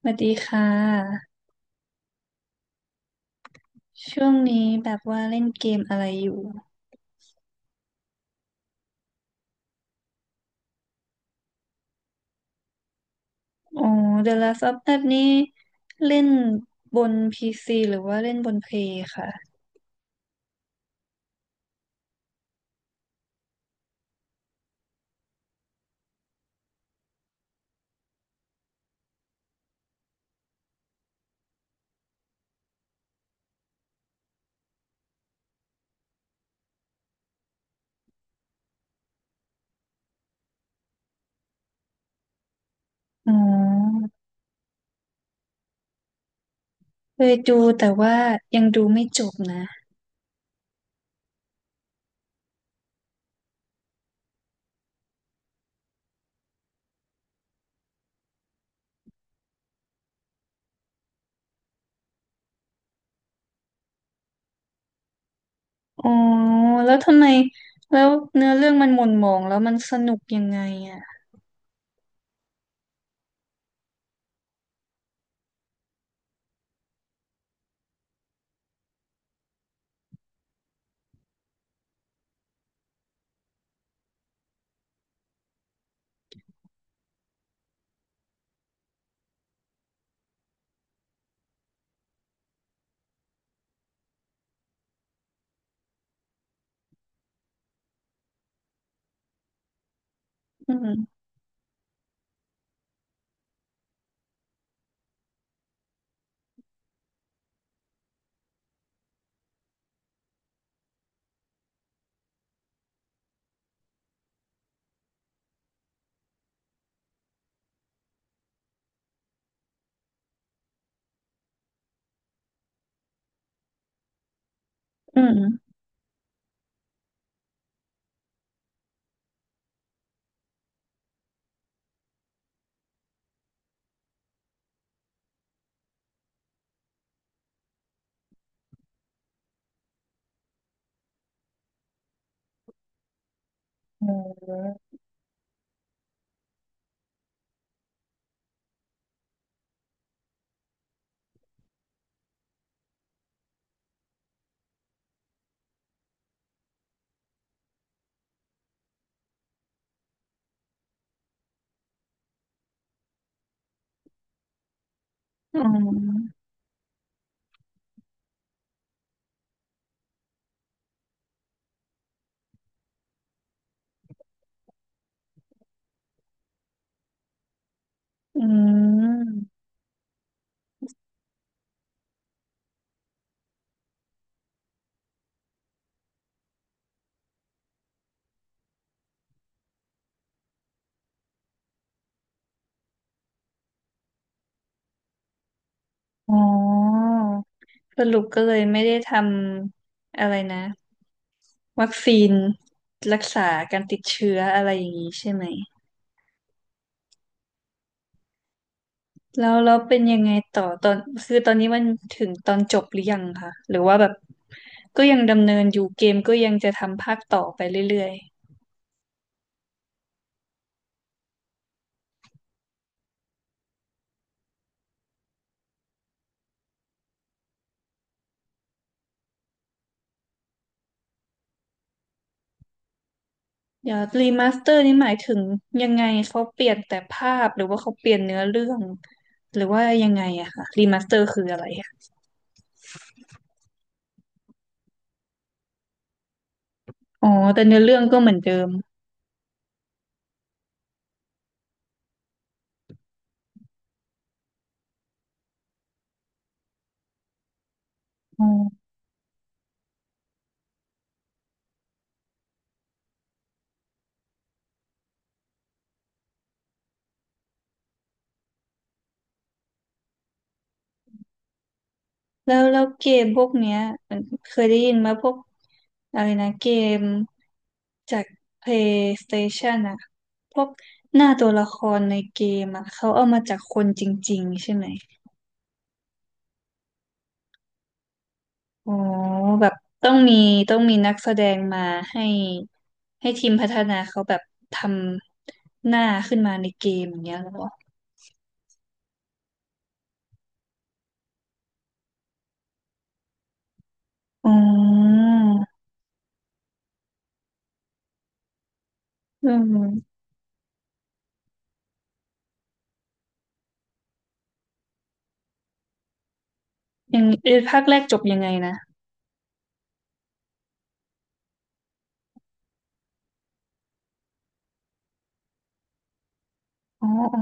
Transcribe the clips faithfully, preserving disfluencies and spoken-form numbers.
สวัสดีค่ะช่วงนี้แบบว่าเล่นเกมอะไรอยู่อ๋อ The Last of Us นี่เล่นบน พี ซี หรือว่าเล่นบนเพลย์ค่ะอ๋อเคยดูแต่ว่ายังดูไม่จบนะอ๋อแล้วทำไมแล้วเนื้อเรื่องมันหม่นหมองแล้วมันสนุกยังไงอ่ะอืมอืมอืออ๋ออืมอ๋อสรุปก็เลยไม่ได้ทำอะไรนะ วัคซีนรักษาการติดเชื้ออะไรอย่างนี้ใช่ไหมแล้วแล้วเป็นยังไงต่อตอนคือตอนนี้มันถึงตอนจบหรือยังคะหรือว่าแบบก็ยังดำเนินอยู่เกมก็ยังจะทำภาคต่อไปเรื่อยๆเดี๋ยวรีมาสเตอร์นี่หมายถึงยังไงเขาเปลี่ยนแต่ภาพหรือว่าเขาเปลี่ยนเนื้อเรื่องหรือว่ายังไงอะคะรีมาสเตอร์คืออะไรอะอ๋อแต่เนื้อเรื่องก็เหมือนเดิมอ๋อแล้วแล้วเกมพวกเนี้ยมันเคยได้ยินมาพวกอะไรนะเกม จาก PlayStation อะพวกหน้าตัวละครในเกมอะเขาเอามาจากคนจริงๆใช่ไหมอ๋อแบบต้องมีต้องมีนักแสดงมาให้ให้ทีมพัฒนาเขาแบบทำหน้าขึ้นมาในเกมอย่างเงี้ยเหรออ๋ออืมอย่างเอ่อภาคแรกจบยังไงนะอ๋ออ๋อ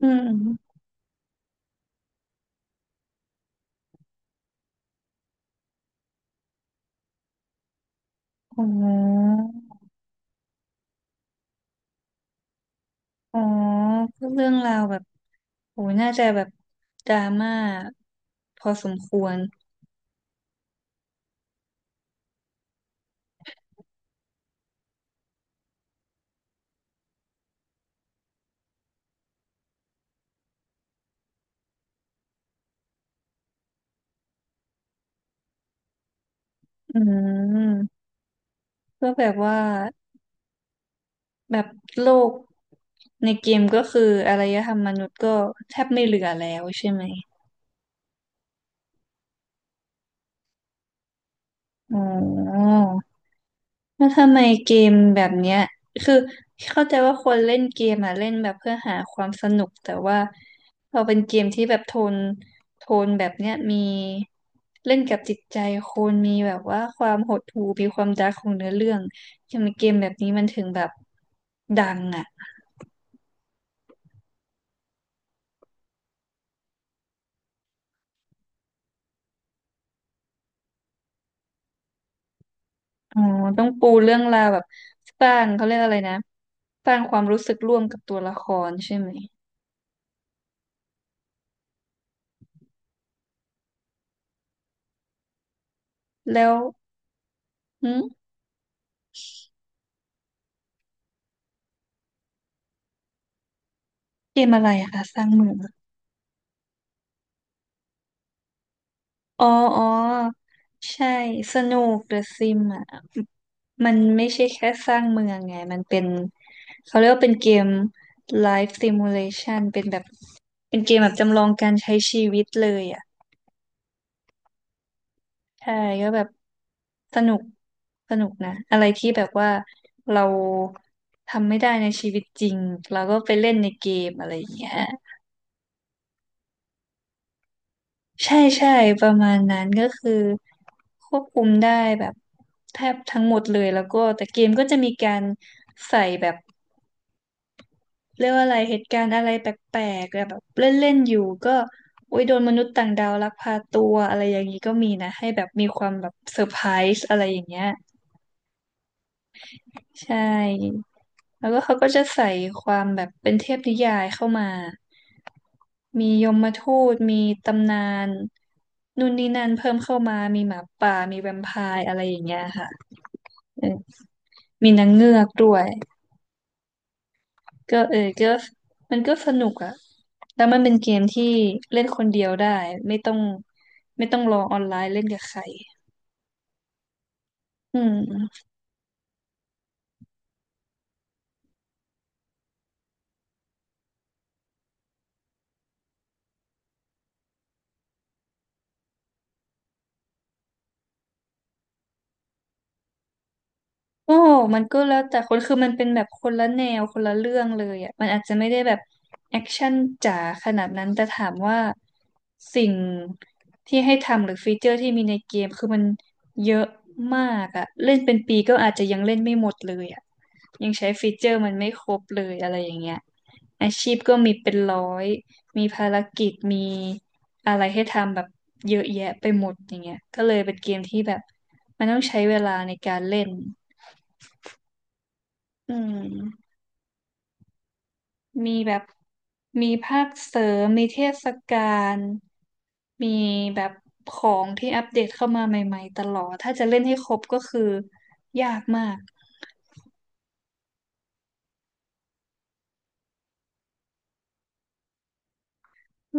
อืมอมอ๋อ อ๋อก็เรื่องราวแบบโหน่าจะแบบดราม่าพอสมควรอืมก็แบบว่าแบบโลกในเกมก็คืออารยธรรมมนุษย์ก็แทบไม่เหลือแล้วใช่ไหมอ๋อ แล้วทำไมเกมแบบเนี้ยคือเข้าใจว่าคนเล่นเกมอ่ะเล่นแบบเพื่อหาความสนุกแต่ว่าพอเป็นเกมที่แบบโทนโทนแบบเนี้ยมีเล่นกับจิตใจคนมีแบบว่าความหดหู่มีความดาร์กของเนื้อเรื่องทำไมเกมแบบนี้มันถึงแบบดังอ่ะอ๋อต้องปูเรื่องราวแบบสร้างเขาเรียกอะไรนะสร้างความรู้สึกร่วมกับตัวละครใช่ไหมแล้วหึเกมอะไรอะคะสร้างเมือง อ๋ออ๋อใช่สนุกเดอะซิมอ่ะมันไม่ใช่แค่สร้างเมืองไงมันเป็นเขาเรียกว่าเป็นเกม Life Simulation เป็นแบบเป็นเกมแบบจำลองการใช้ชีวิตเลยอ่ะใช่ก็แบบสนุกสนุกนะอะไรที่แบบว่าเราทำไม่ได้ในชีวิตจริงเราก็ไปเล่นในเกมอะไรอย่างเงี้ย ใช่ใช่ประมาณนั้นก็คือควบคุมได้แบบแทบทั้งหมดเลยแล้วก็แต่เกมก็จะมีการใส่แบบเรียกว่าอะไรเหตุการณ์อะไรแปลกๆแบบเล่นๆอยู่ก็โอ้ยโดนมนุษย์ต่างดาวลักพาตัวอะไรอย่างนี้ก็มีนะให้แบบมีความแบบเซอร์ไพรส์อะไรอย่างเงี้ยใช่แล้วก็เขาก็จะใส่ความแบบเป็นเทพนิยายเข้ามา มียมทูตมีตำนานนู่นนี่นั่นเพิ่มเข้ามามีหมาป่ามีแวมไพร์อะไรอย่างเงี้ยค่ะเออมีนางเงือกด้วยก็เออก็มันก็สนุกอะแล้วมันเป็นเกมที่เล่นคนเดียวได้ไม่ต้องไม่ต้องรอออนไลน์เล่นกับใครอืม โอ้มันก็แล้วแต่คนคือมันเป็นแบบคนละแนวคนละเรื่องเลยอ่ะมันอาจจะไม่ได้แบบแอคชั่นจ๋าขนาดนั้นแต่ถามว่าสิ่งที่ให้ทำหรือฟีเจอร์ที่มีในเกมคือมันเยอะมากอ่ะ เล่นเป็นปีก็อาจจะยังเล่นไม่หมดเลยอ่ะยังใช้ฟีเจอร์มันไม่ครบเลยอะไรอย่างเงี้ยอาชีพก็มีเป็นร้อยมีภารกิจมีอะไรให้ทำแบบเยอะแยะไปหมดอย่างเงี้ยก็เลยเป็นเกมที่แบบมันต้องใช้เวลาในการเล่น อืมมีแบบมีภาคเสริมมีเทศกาลมีแบบของที่อัปเดตเข้ามาใหม่ๆตลอดถ้าจะเล่นให้ครบก็คือยากมาก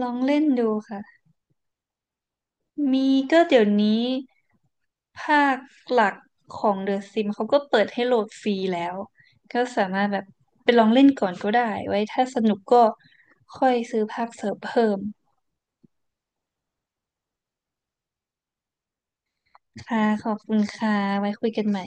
ลองเล่นดูค่ะมีก็เดี๋ยวนี้ภาคหลักของ The Sims เขาก็เปิดให้โหลดฟรีแล้วก็สามารถแบบไปลองเล่นก่อนก็ได้ไว้ถ้าสนุกก็ค่อยซื้อภาคเสริมเพิ่มค่ะขอบคุณค่ะไว้คุยกันใหม่